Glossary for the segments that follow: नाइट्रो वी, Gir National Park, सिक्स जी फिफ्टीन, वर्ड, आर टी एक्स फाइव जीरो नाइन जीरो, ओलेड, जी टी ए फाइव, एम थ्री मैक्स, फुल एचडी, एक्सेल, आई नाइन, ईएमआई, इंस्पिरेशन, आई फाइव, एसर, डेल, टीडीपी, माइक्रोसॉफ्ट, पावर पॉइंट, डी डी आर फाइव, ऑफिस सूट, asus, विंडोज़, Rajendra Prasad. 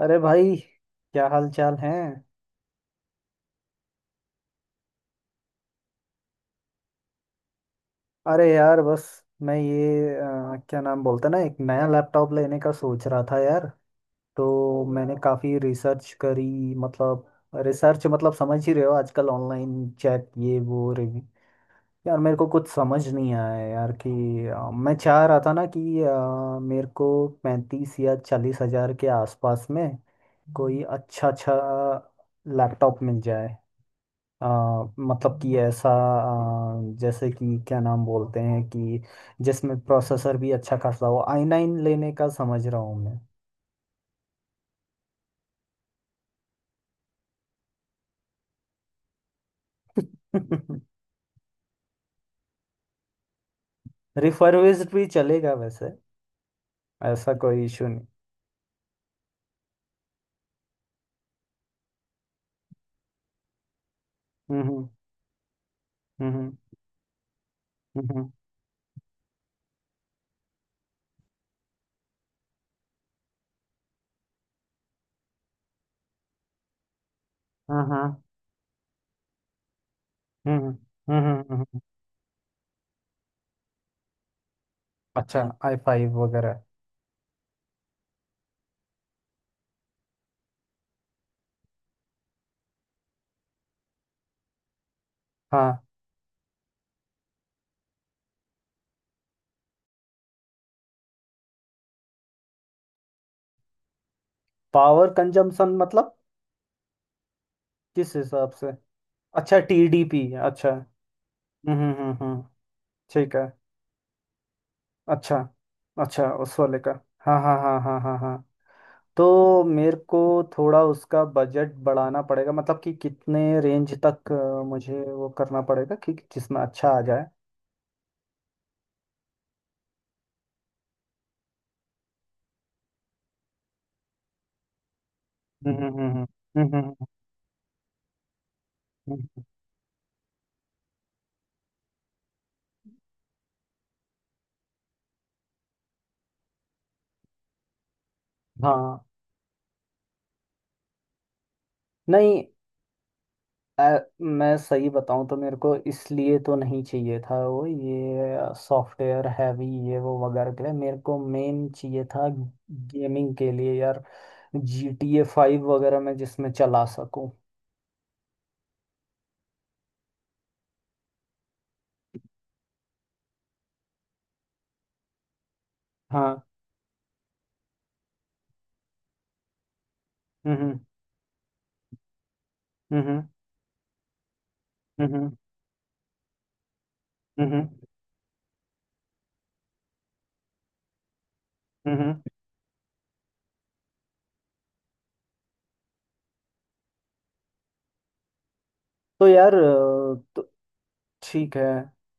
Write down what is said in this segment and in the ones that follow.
अरे भाई। क्या हाल चाल है। अरे यार बस मैं ये क्या नाम बोलते हैं ना एक नया लैपटॉप लेने का सोच रहा था यार। तो मैंने काफ़ी रिसर्च करी। मतलब रिसर्च मतलब समझ ही रहे हो आजकल ऑनलाइन चैट ये वो रिव्यू। यार मेरे को कुछ समझ नहीं आया यार कि मैं चाह रहा था ना कि मेरे को 35 या 40 हज़ार के आसपास में कोई अच्छा अच्छा लैपटॉप मिल जाए। अ, मतलब कि ऐसा जैसे कि क्या नाम बोलते हैं कि जिसमें प्रोसेसर भी अच्छा खासा हो i9 लेने का समझ रहा हूँ मैं। रिफर्बिश्ड भी चलेगा वैसे। ऐसा कोई इशू नहीं। हम्म हम्म हम्म हम्म। हाँ, हाँ। हम्म हम्म हम्म, हम्म, हम्म, हम्म। अच्छा i5 वगैरह। हाँ पावर कंजम्पशन मतलब किस हिसाब से। अच्छा टीडीपी। अच्छा हम्म। ठीक है। अच्छा। अच्छा उस वाले का। हाँ हाँ हाँ हाँ हाँ हाँ। तो मेरे को थोड़ा उसका बजट बढ़ाना पड़ेगा मतलब कि कितने रेंज तक मुझे वो करना पड़ेगा कि जिसमें अच्छा आ जाए। हम्म हम्म हम्म हम्म, हम्म, हम्म। हाँ नहीं अ, मैं सही बताऊं तो मेरे को इसलिए तो नहीं चाहिए था वो ये सॉफ्टवेयर हैवी ये वो वगैरह के लिए मेरे को मेन चाहिए था गेमिंग के लिए यार। GTA 5 वगैरह मैं जिसमें चला सकूं। हाँ। हम्म, हम्म, हम्म, हम्म, हम्म, हम्म, हम्म। तो यार तो ठीक है।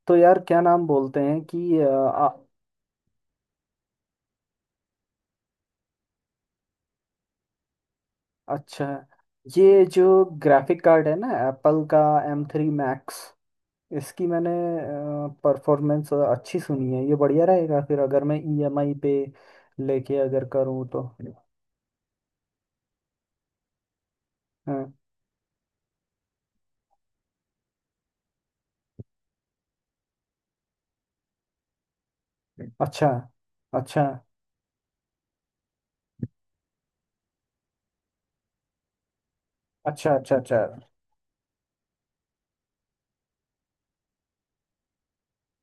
तो यार क्या नाम बोलते हैं कि अच्छा ये जो ग्राफिक कार्ड है ना एप्पल का M3 Max। इसकी मैंने परफॉर्मेंस अच्छी सुनी है। ये बढ़िया रहेगा फिर अगर मैं ईएमआई पे लेके अगर करूँ तो। हाँ। अच्छा अच्छा अच्छा अच्छा अच्छा।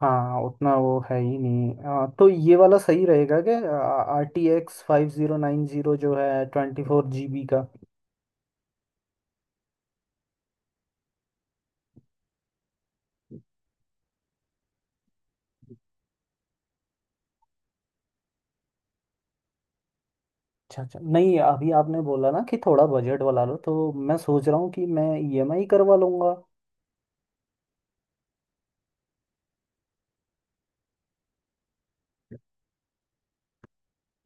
हाँ उतना वो है ही नहीं। तो ये वाला सही रहेगा क्या? RTX 5090 जो है 24 GB का। अच्छा अच्छा नहीं अभी आपने बोला ना कि थोड़ा बजट वाला लो तो मैं सोच रहा हूँ कि मैं ईएमआई करवा लूंगा।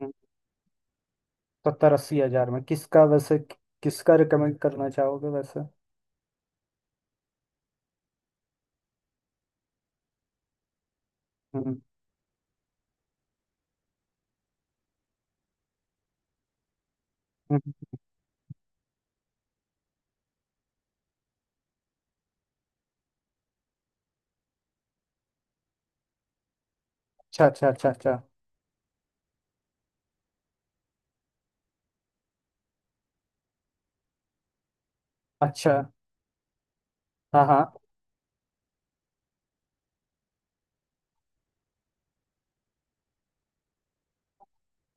हम्म। 70 80 हजार में किसका वैसे किसका रिकमेंड करना चाहोगे वैसे? हम्म हम्म। अच्छा अच्छा अच्छा अच्छा अच्छा। हाँ हाँ।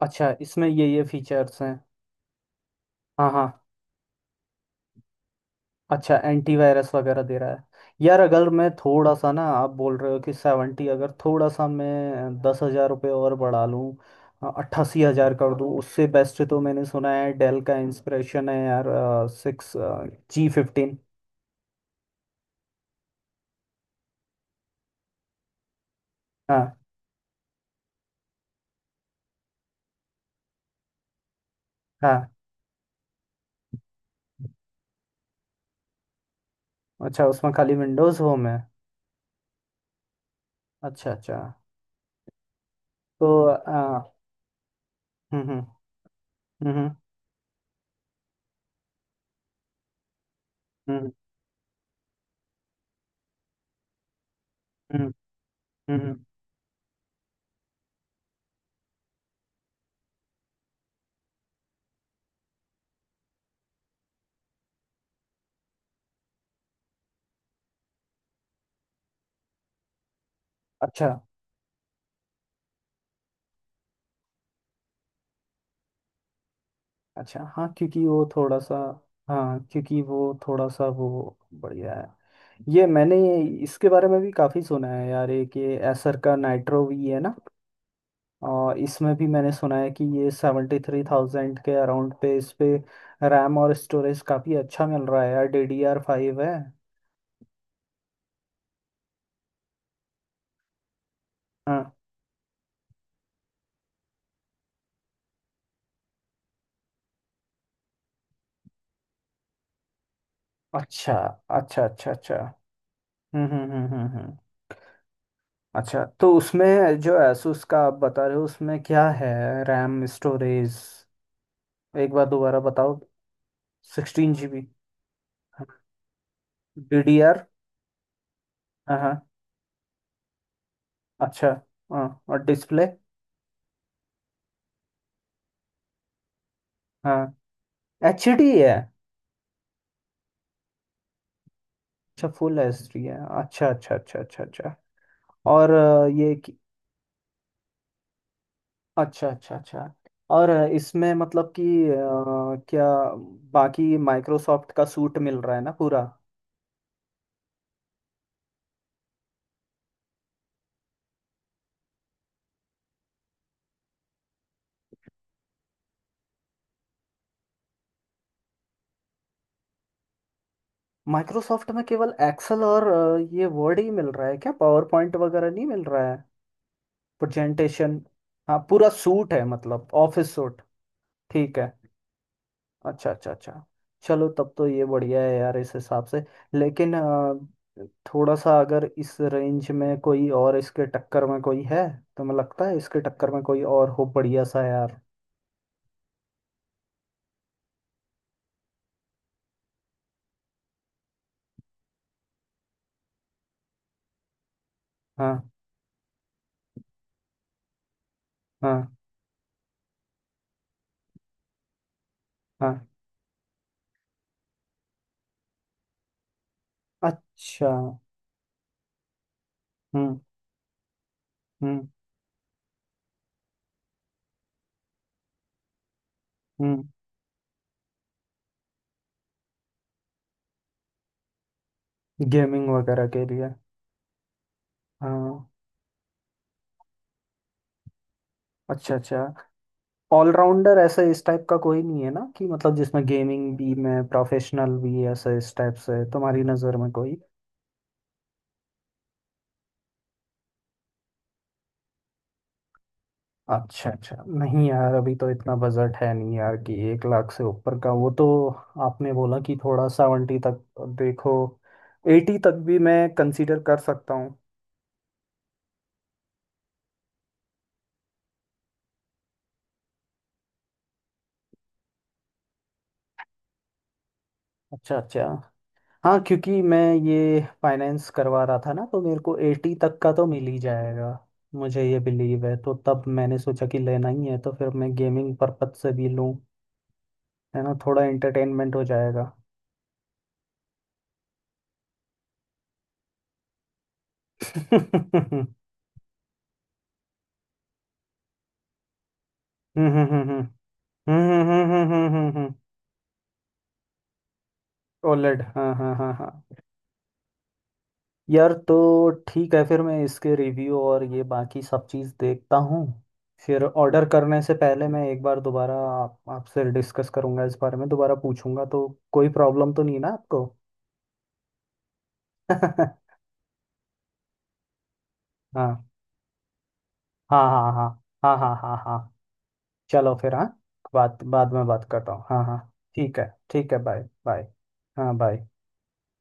अच्छा इसमें ये फीचर्स हैं। हाँ हाँ। अच्छा एंटीवायरस वगैरह दे रहा है। यार अगर मैं थोड़ा सा ना आप बोल रहे हो कि 70 अगर थोड़ा सा मैं 10 हज़ार रुपये और बढ़ा लूँ 88 हज़ार कर दूँ उससे बेस्ट तो मैंने सुना है डेल का इंस्पिरेशन है यार। G15। हाँ हाँ। अच्छा उसमें खाली विंडोज़ होम है। अच्छा अच्छा। तो हम्म हम्म हम्म हम्म हम्म हम्म, हम्म। अच्छा अच्छा। हाँ क्योंकि वो थोड़ा सा हाँ क्योंकि वो थोड़ा सा वो बढ़िया है। ये मैंने इसके बारे में भी काफ़ी सुना है यार। एक ये एसर का नाइट्रो वी है ना और इसमें भी मैंने सुना है कि ये 73,000 के अराउंड पे इस पे रैम और स्टोरेज काफ़ी अच्छा मिल रहा है यार। DDR5 है। हाँ। अच्छा अच्छा अच्छा अच्छा। हम्म हम्म हम्म हम्म हम्म। अच्छा तो उसमें जो asus का आप बता रहे हो उसमें क्या है? रैम स्टोरेज एक बार दोबारा बताओ। 16 GB। D D R. हाँ हाँ। अच्छा। हाँ और डिस्प्ले? हाँ एचडी है। अच्छा फुल एचडी है। अच्छा अच्छा अच्छा अच्छा अच्छा। और अच्छा अच्छा अच्छा। और इसमें मतलब कि अ, क्या बाकी माइक्रोसॉफ्ट का सूट मिल रहा है ना पूरा? माइक्रोसॉफ्ट में केवल एक्सेल और ये वर्ड ही मिल रहा है क्या, पावर पॉइंट वगैरह नहीं मिल रहा है? प्रेजेंटेशन। हाँ पूरा सूट है मतलब ऑफिस सूट। ठीक है। अच्छा अच्छा अच्छा। चलो तब तो ये बढ़िया है यार इस हिसाब से। लेकिन थोड़ा सा अगर इस रेंज में कोई और इसके टक्कर में कोई है तो मुझे लगता है इसके टक्कर में कोई और हो बढ़िया सा यार। हाँ हाँ हाँ। अच्छा। हम्म हम्म हम्म। गेमिंग वगैरह के लिए। हाँ। अच्छा अच्छा। ऑलराउंडर ऐसे इस टाइप का कोई नहीं है ना कि मतलब जिसमें गेमिंग भी में प्रोफेशनल भी ऐसे इस टाइप से तुम्हारी नज़र में कोई? अच्छा अच्छा नहीं यार अभी तो इतना बजट है नहीं यार कि 1 लाख से ऊपर का वो तो। आपने बोला कि थोड़ा 70 तक। देखो 80 तक भी मैं कंसीडर कर सकता हूँ। अच्छा अच्छा। हाँ क्योंकि मैं ये फाइनेंस करवा रहा था ना तो मेरे को 80 तक का तो मिल ही जाएगा। मुझे ये बिलीव है तो तब मैंने सोचा कि लेना ही है तो फिर मैं गेमिंग पर्पज से भी लूँ। है ना थोड़ा एंटरटेनमेंट हो जाएगा। हम्म हम्म हम्म हम्म हम्म हम्म हम्म हम्म हम्म हम्म हम्म, हम्म, हम्म। ओलेड हाँ हाँ हाँ हाँ। यार तो ठीक है फिर मैं इसके रिव्यू और ये बाकी सब चीज़ देखता हूँ। फिर ऑर्डर करने से पहले मैं एक बार दोबारा आपसे डिस्कस करूँगा इस बारे में दोबारा पूछूंगा तो कोई प्रॉब्लम तो नहीं ना आपको? हाँ हाँ हाँ हाँ हाँ हाँ हाँ हाँ। चलो फिर हाँ। बात बाद में बात करता हूँ हाँ हाँ। ठीक है बाय बाय। हाँ बाय।